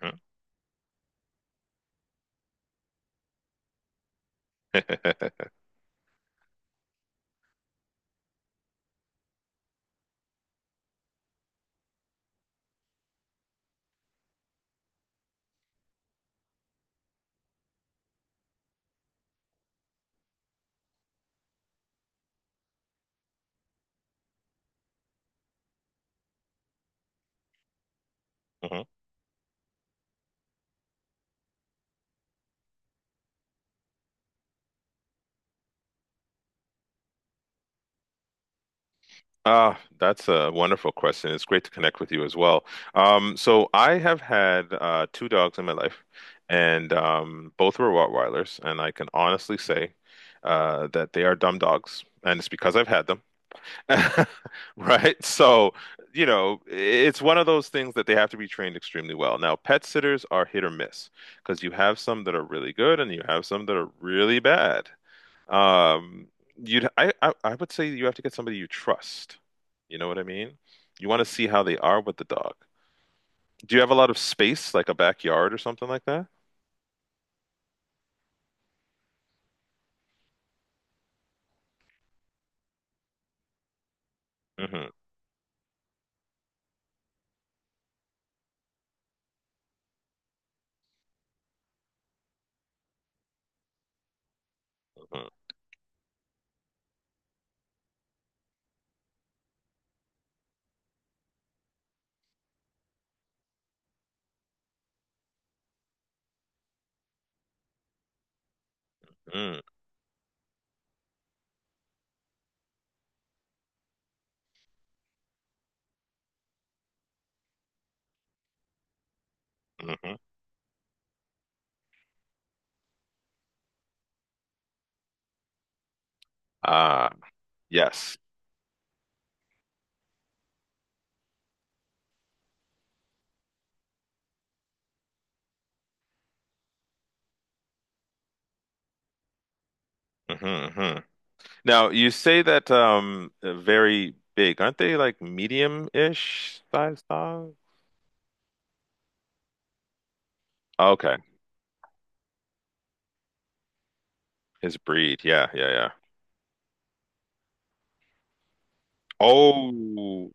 Hmm. Hmm. Ah, that's a wonderful question. It's great to connect with you as well. So I have had two dogs in my life, and both were Rottweilers, and I can honestly say that they are dumb dogs, and it's because I've had them, right? So, it's one of those things that they have to be trained extremely well. Now, pet sitters are hit or miss because you have some that are really good, and you have some that are really bad. Um, you'd I would say you have to get somebody you trust. You know what I mean? You want to see how they are with the dog. Do you have a lot of space, like a backyard or something like that? Mm-hmm. Hmm. Hmm. Ah, yes. Hmm. Hmm. Now you say that very big, aren't they like medium-ish size dog? Okay, his breed. Yeah, yeah, yeah. Oh,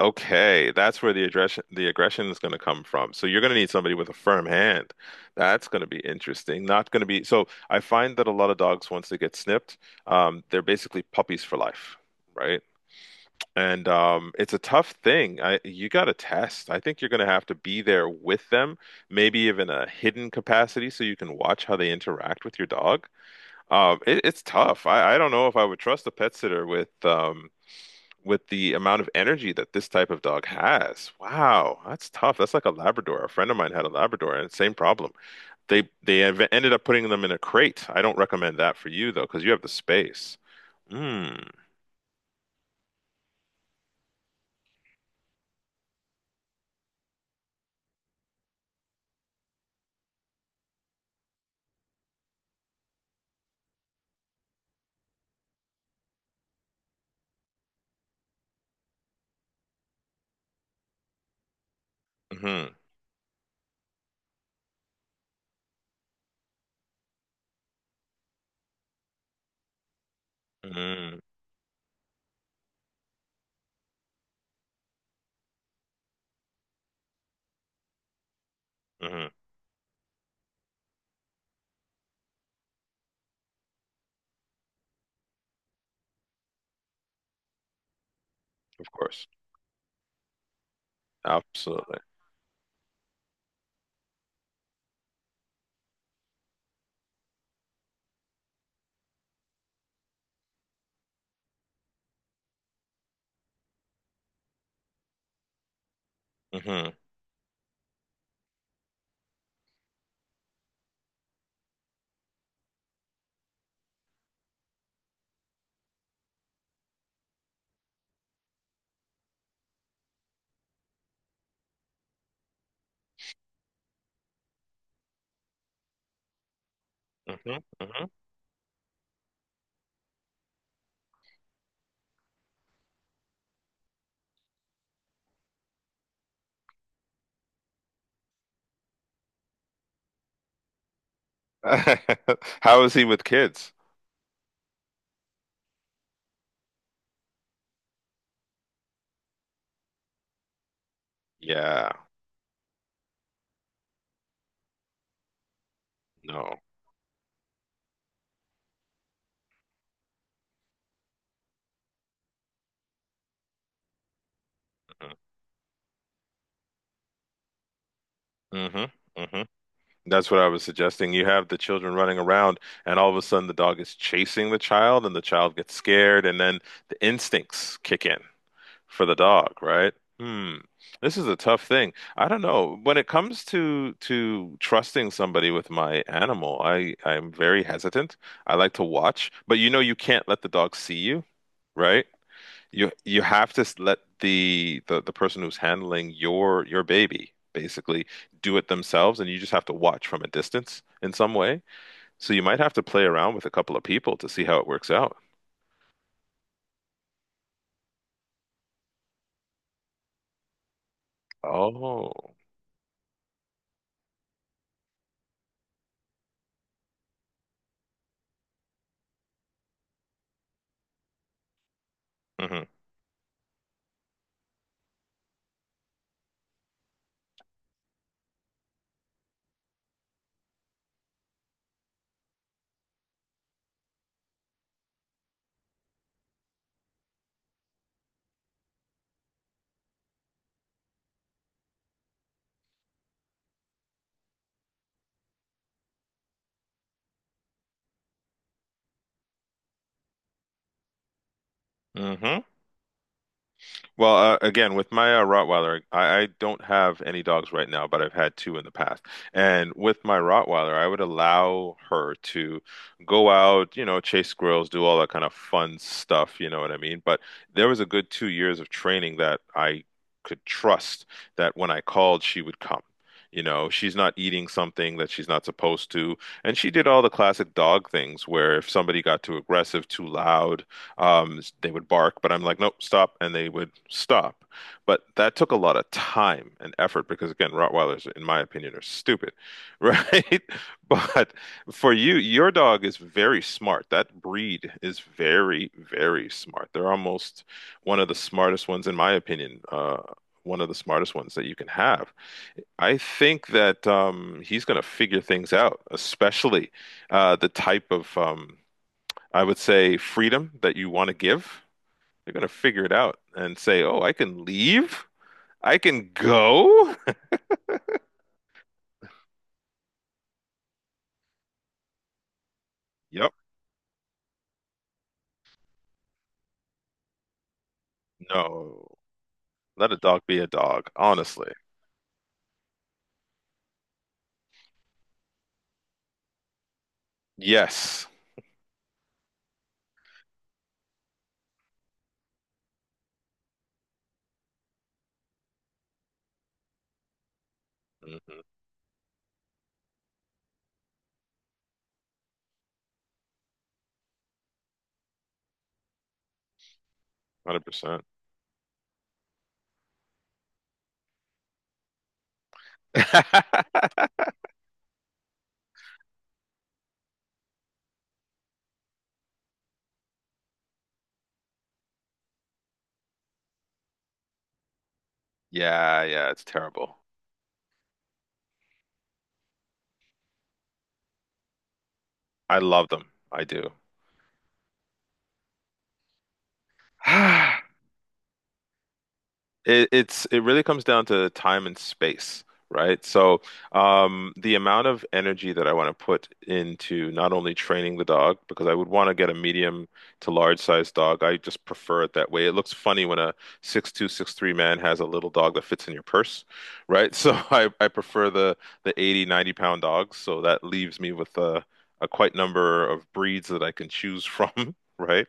okay, that's where the aggression is going to come from. So you're going to need somebody with a firm hand. That's going to be interesting. Not going to be so. I find that a lot of dogs, once they get snipped, they're basically puppies for life, right? And it's a tough thing. I You got to test. I think you're going to have to be there with them, maybe even a hidden capacity, so you can watch how they interact with your dog. It's tough. I don't know if I would trust a pet sitter with with the amount of energy that this type of dog has. Wow, that's tough. That's like a Labrador. A friend of mine had a Labrador and same problem. They ended up putting them in a crate. I don't recommend that for you though, because you have the space. Mm. Mm-hmm. Mm-hmm. Mm-hmm. Of course. Absolutely. Mm-hmm. Mm-hmm. Mm-hmm. How is he with kids? Yeah. No. Mm-hmm. Mm-hmm. Mm-hmm. That's what I was suggesting. You have the children running around, and all of a sudden the dog is chasing the child, and the child gets scared, and then the instincts kick in for the dog, right? Hmm. This is a tough thing. I don't know. When it comes to trusting somebody with my animal, I'm very hesitant. I like to watch, but you know you can't let the dog see you, right? You have to let the person who's handling your baby basically do it themselves, and you just have to watch from a distance in some way. So you might have to play around with a couple of people to see how it works out. Oh. Mm-hmm. Well, again, with my Rottweiler, I don't have any dogs right now, but I've had two in the past. And with my Rottweiler, I would allow her to go out, chase squirrels, do all that kind of fun stuff, you know what I mean? But there was a good 2 years of training that I could trust that when I called, she would come. You know, she's not eating something that she's not supposed to. And she did all the classic dog things where if somebody got too aggressive, too loud, they would bark, but I'm like, nope, stop, and they would stop. But that took a lot of time and effort because, again, Rottweilers, in my opinion, are stupid, right? But for you, your dog is very smart. That breed is very, very smart. They're almost one of the smartest ones, in my opinion, one of the smartest ones that you can have. I think that he's going to figure things out, especially the type of, I would say, freedom that you want to give. They're gonna figure it out and say, "Oh, I can leave. I can go." Yep. No. Let a dog be a dog, honestly. Yes. Hmm. 100%. Yeah, yeah, it's terrible. I love them. I do. It really comes down to time and space, right? So, the amount of energy that I want to put into not only training the dog, because I would want to get a medium to large size dog. I just prefer it that way. It looks funny when a 6'2", 6'3" man has a little dog that fits in your purse, right? So I prefer the 80, 90 pound dogs. So that leaves me with a quite number of breeds that I can choose from, right?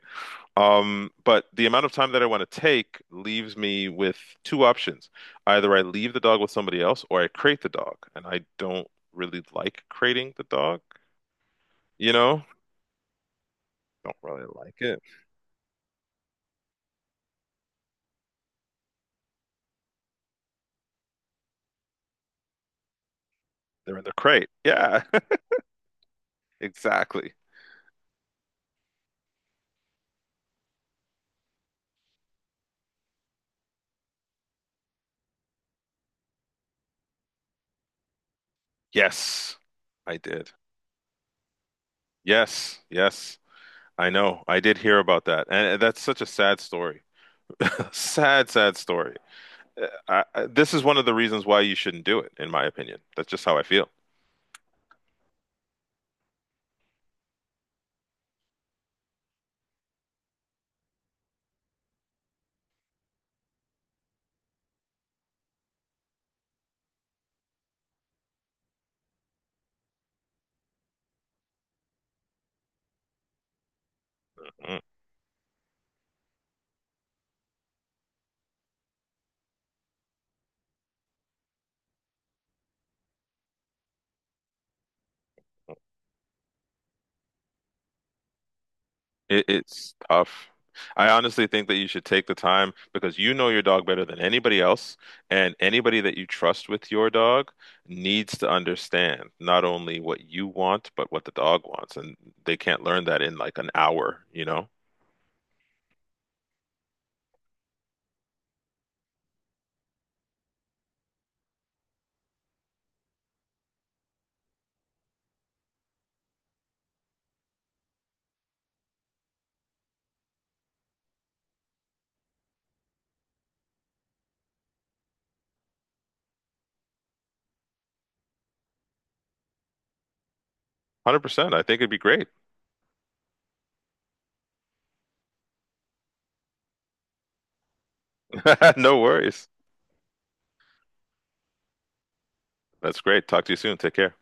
But the amount of time that I want to take leaves me with two options. Either I leave the dog with somebody else or I crate the dog. And I don't really like crating the dog, you know? Don't really like it. They're in the crate. Yeah, exactly. Yes, I did. Yes, yes. I know. I did hear about that. And that's such a sad story. Sad, sad story. This is one of the reasons why you shouldn't do it, in my opinion. That's just how I feel. It's tough. I honestly think that you should take the time because you know your dog better than anybody else, and anybody that you trust with your dog needs to understand not only what you want, but what the dog wants. And they can't learn that in like an hour, you know? 100%. I think it'd be great. No worries. That's great. Talk to you soon. Take care.